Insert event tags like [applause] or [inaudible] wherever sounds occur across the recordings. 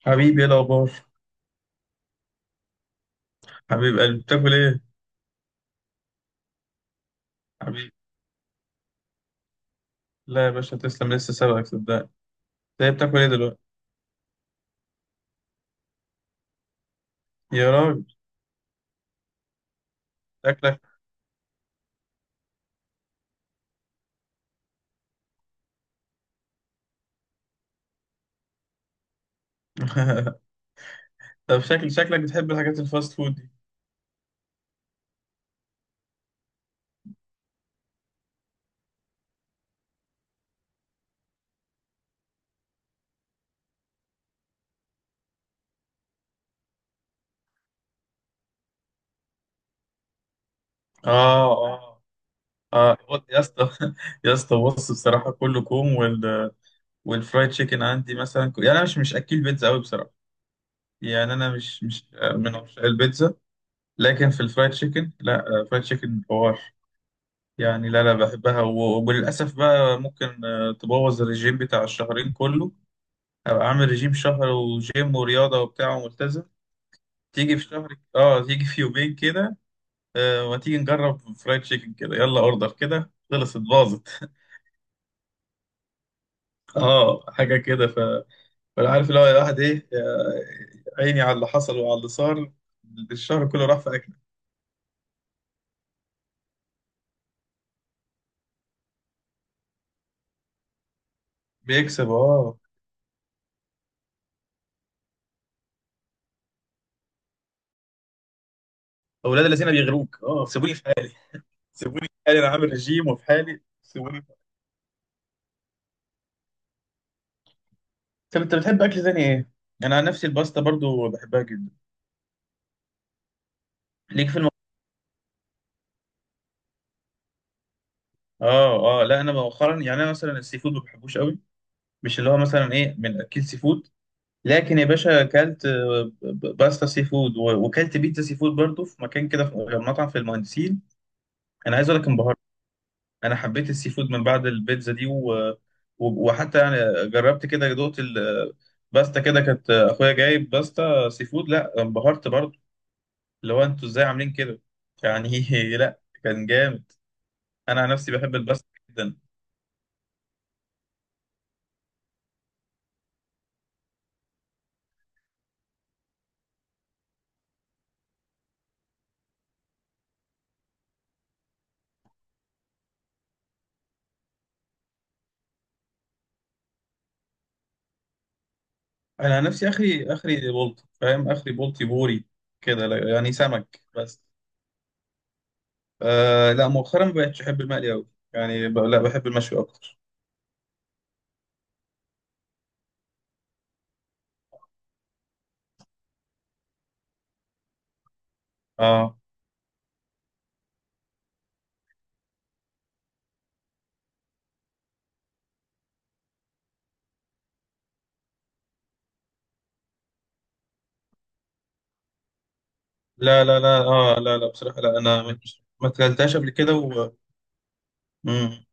حبيبي، ايه الاخبار؟ حبيب قلبي، بتاكل ايه؟ حبيبي، لا يا باشا تسلم، لسه سابقك صدقني. ده بتاكل ايه دلوقتي؟ يا راجل شكلك. [laughs] طب شكل شكلك بتحب الحاجات الفاست فود دي؟ اه اه اه، يا اسطى. [laughs] يا اسطى بص بصراحه كله كوم والفرايد تشيكن عندي مثلا، يعني انا مش اكل بيتزا قوي بصراحه. يعني انا مش من عشاق البيتزا، لكن في الفرايد تشيكن لا، فرايد تشيكن حوار. يعني لا بحبها، وللاسف بقى ممكن تبوظ الرجيم بتاع الشهرين كله. ابقى عامل رجيم شهر وجيم ورياضه وبتاع وملتزم، تيجي في شهر اه، تيجي في يومين كده آه، ما تيجي نجرب فرايد تشيكن كده، يلا اوردر كده، خلصت باظت. [laughs] اه حاجه كده فانا عارف اللي هو الواحد ايه. عيني على اللي حصل وعلى اللي صار، الشهر كله راح في اكل. بيكسب اه. اولاد الذين بيغروك، اه سيبوني في حالي، سيبوني في حالي، انا عامل رجيم وفي حالي، سيبوني في حالي. طب انت بتحب اكل تاني ايه؟ انا عن نفسي الباستا برضو بحبها جدا. ليك في. اه اه، لا انا مؤخرا يعني انا مثلا السي فود ما بحبوش قوي، مش اللي هو مثلا ايه من اكل سي فود. لكن يا باشا اكلت باستا سي فود وكلت بيتزا سي فود برضه في مكان كده، في مطعم في المهندسين. انا عايز اقول لك انبهرت. انا حبيت السي فود من بعد البيتزا دي وحتى يعني جربت كده، دقت الباستا كده، كانت اخويا جايب باستا سي فود، لا انبهرت برضه. اللي هو انتوا ازاي عاملين كده يعني؟ [laughs] لا كان جامد. انا عن نفسي بحب الباستا جدا. انا عن نفسي اخري بولت، فاهم؟ اخري بولتي بوري كده، يعني سمك بس. آه لا مؤخرا ما بقتش احب المقلي قوي. يعني لا بحب المشوي اكتر. اه. لا، اه لا، بصراحه لا انا ما اكلتهاش قبل كده و. مم.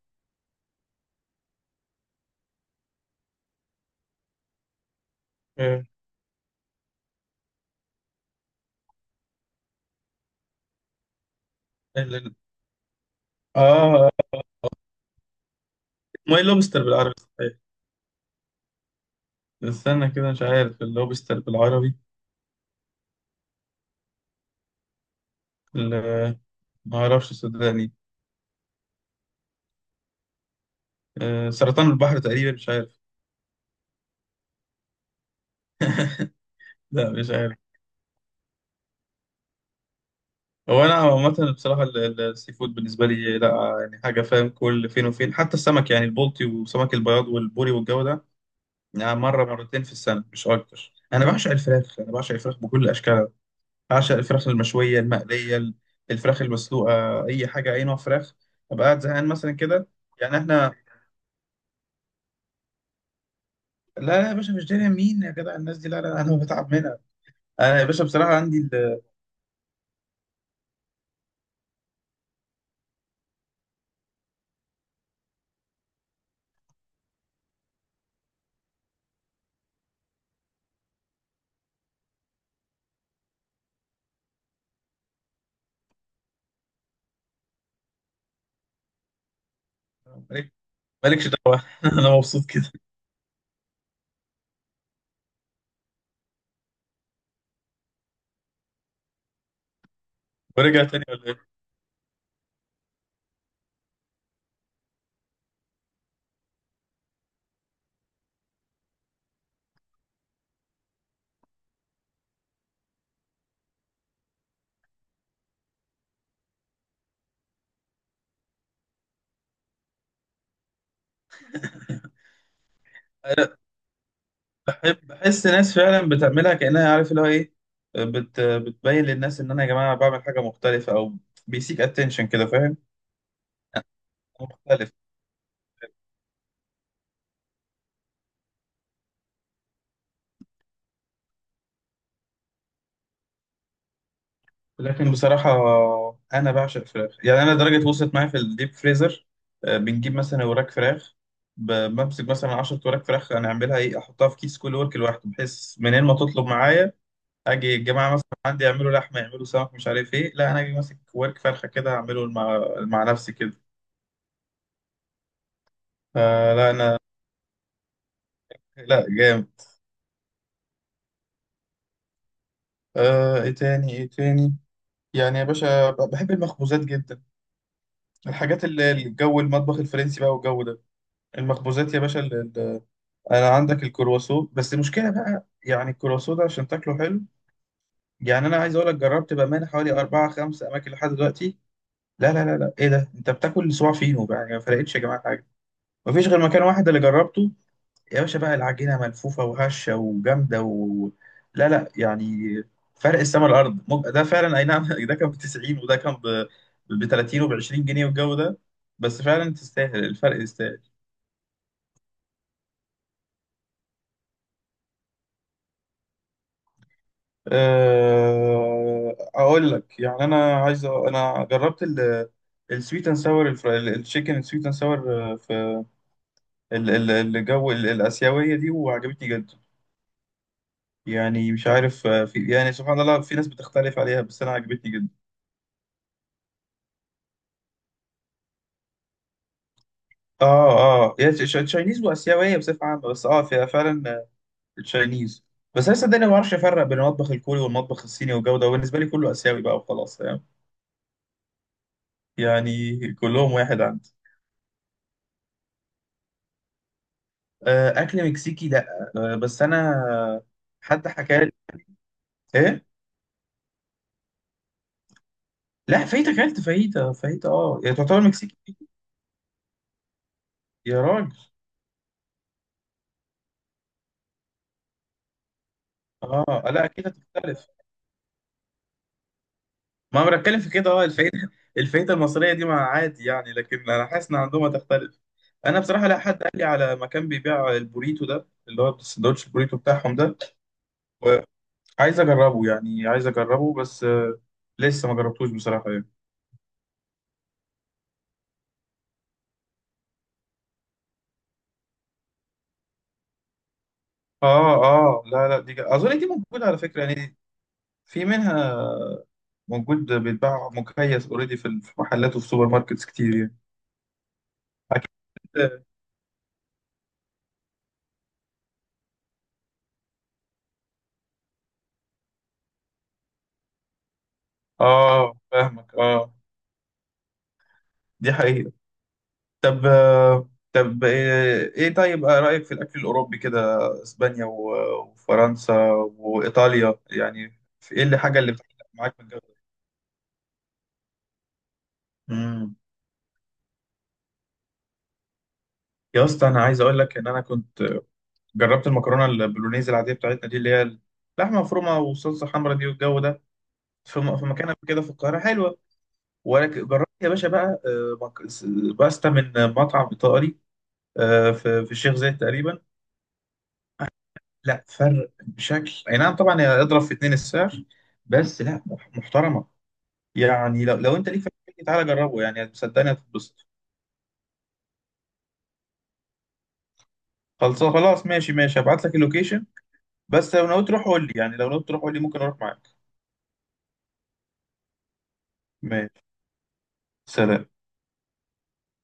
إيه. ال- ال- اه. ماي لوبستر بالعربي صحيح؟ استنى كده، مش عارف اللوبستر بالعربي. ال- ما اعرفش صدقني. آه سرطان البحر تقريبا، مش عارف. لا مش عارف. هو انا عامه بصراحه السي فود بالنسبه لي لا يعني حاجه، فاهم؟ كل فين وفين، حتى السمك يعني البلطي وسمك البياض والبوري والجو ده، يعني مره مرتين في السنه مش اكتر. انا بعشق الفراخ، انا بعشق الفراخ بكل اشكالها. بعشق الفراخ المشويه المقليه الفراخ المسلوقه، اي حاجه اي نوع فراخ. ابقى قاعد زهقان مثلا كده، يعني احنا. لا يا باشا مش داري مين يا جدع الناس دي، لا، انا بتعب منها. انا يا باشا بصراحه عندي مالك- مالكش دعوه. [laughs] انا مبسوط كده. ورجع تاني ولا ايه؟ بحب بحس ناس فعلا بتعملها كأنها عارف اللي هو ايه، بتبين للناس ان انا يا جماعه بعمل حاجه مختلفه، او بيسيك اتنشن كده، فاهم؟ مختلف. لكن بصراحه، انا بعشق فراخ. يعني انا درجه وصلت معايا في الديب فريزر، بنجيب مثلا وراك فراخ، بمسك مثلا 10 وراك فراخ، انا اعملها ايه، احطها في كيس كل ورك لوحده، بحيث منين ما تطلب معايا. اجي الجماعه مثلا عندي يعملوا لحمه يعملوا سمك مش عارف ايه، لا انا اجي ماسك ورك فرخه كده اعمله مع نفسي كده. فلا انا. لا جامد. ايه تاني؟ يعني يا باشا بحب المخبوزات جدا. الحاجات اللي الجو المطبخ الفرنسي بقى والجو ده، المخبوزات يا باشا انا عندك الكرواسون. بس المشكله بقى يعني الكرواسون ده عشان تاكله حلو، يعني انا عايز اقول لك جربت بامانه حوالي اربعة خمسة اماكن لحد دلوقتي. لا، ايه ده، انت بتاكل صباع فينو بقى يعني، ما فرقتش يا جماعه حاجه. مفيش غير مكان واحد اللي جربته يا باشا بقى، العجينة ملفوفة وهشة وجامدة لا، يعني فرق السما الأرض ده فعلا أي نعم. [laughs] ده كان ب 90 وده كان ب 30 وب 20 جنيه والجو ده، بس فعلا تستاهل، الفرق يستاهل. أقول لك يعني، أنا عايز أنا جربت السويت اند ساور، التشيكن سويت اند ساور، في ال- ال- الجو الآسيوية دي، وعجبتني جدا. يعني مش عارف، في يعني سبحان الله في ناس بتختلف عليها، بس أنا عجبتني جدا. اه اه. يعني تشاينيز واسيويه بصفه عامه، بس اه فيها فعلا آه، تشاينيز. بس انا صدقني ما بعرفش افرق بين المطبخ الكوري والمطبخ الصيني والجوده، وبالنسبه لي كله اسيوي بقى وخلاص، فاهم؟ يعني كلهم واحد عندي. آه اكل مكسيكي لا، آه بس انا حد حكى لي. ايه. لا فايته، اكلت فايته، فايته اه يعني تعتبر مكسيكي. يا راجل. اه لا اكيد هتختلف. ما انا بتكلم في كده، اه الفايده. [laughs] الفايده المصريه دي ما عادي يعني، لكن انا حاسس ان عندهم هتختلف. انا بصراحه، لا حد قال لي على مكان بيبيع البوريتو ده، اللي هو السندوتش البوريتو بتاعهم ده، وعايز اجربه، يعني عايز اجربه بس آه، لسه ما جربتوش بصراحه يعني. اه اه، لا لا دي اظن دي موجوده على فكره يعني، في منها موجود بيتباع مكيس اوريدي في في محلات وفي سوبر ماركتس كتير يعني. اكيد. اه آه، فاهمك اه، دي حقيقه. طب آه، طب آه، ايه طيب آه، رأيك في الأكل الأوروبي كده، اسبانيا وفرنسا وإيطاليا، يعني في ايه اللي حاجة اللي بتعلق معاك من الجو ده؟ امم. يا اسطى انا عايز اقول لك ان انا كنت جربت المكرونة البولونيز العادية بتاعتنا دي اللي هي اللحمة مفرومة وصلصة حمرا دي والجو ده، في مكان قبل كده في القاهرة حلوة. ولكن جربت يا باشا بقى آه، باستا من مطعم إيطالي آه، في في الشيخ زايد تقريبا، لا فرق بشكل اي نعم. طبعا هي اضرب في اتنين السعر، بس لا محترمه يعني. لو انت ليك في الحاجات دي تعالى جربه، يعني صدقني هتتبسط. خلاص، ماشي ماشي، هبعت لك اللوكيشن. بس لو ناوي تروح قول لي، يعني لو ناوي تروح قول لي، ممكن اروح معاك. ماشي. سلام.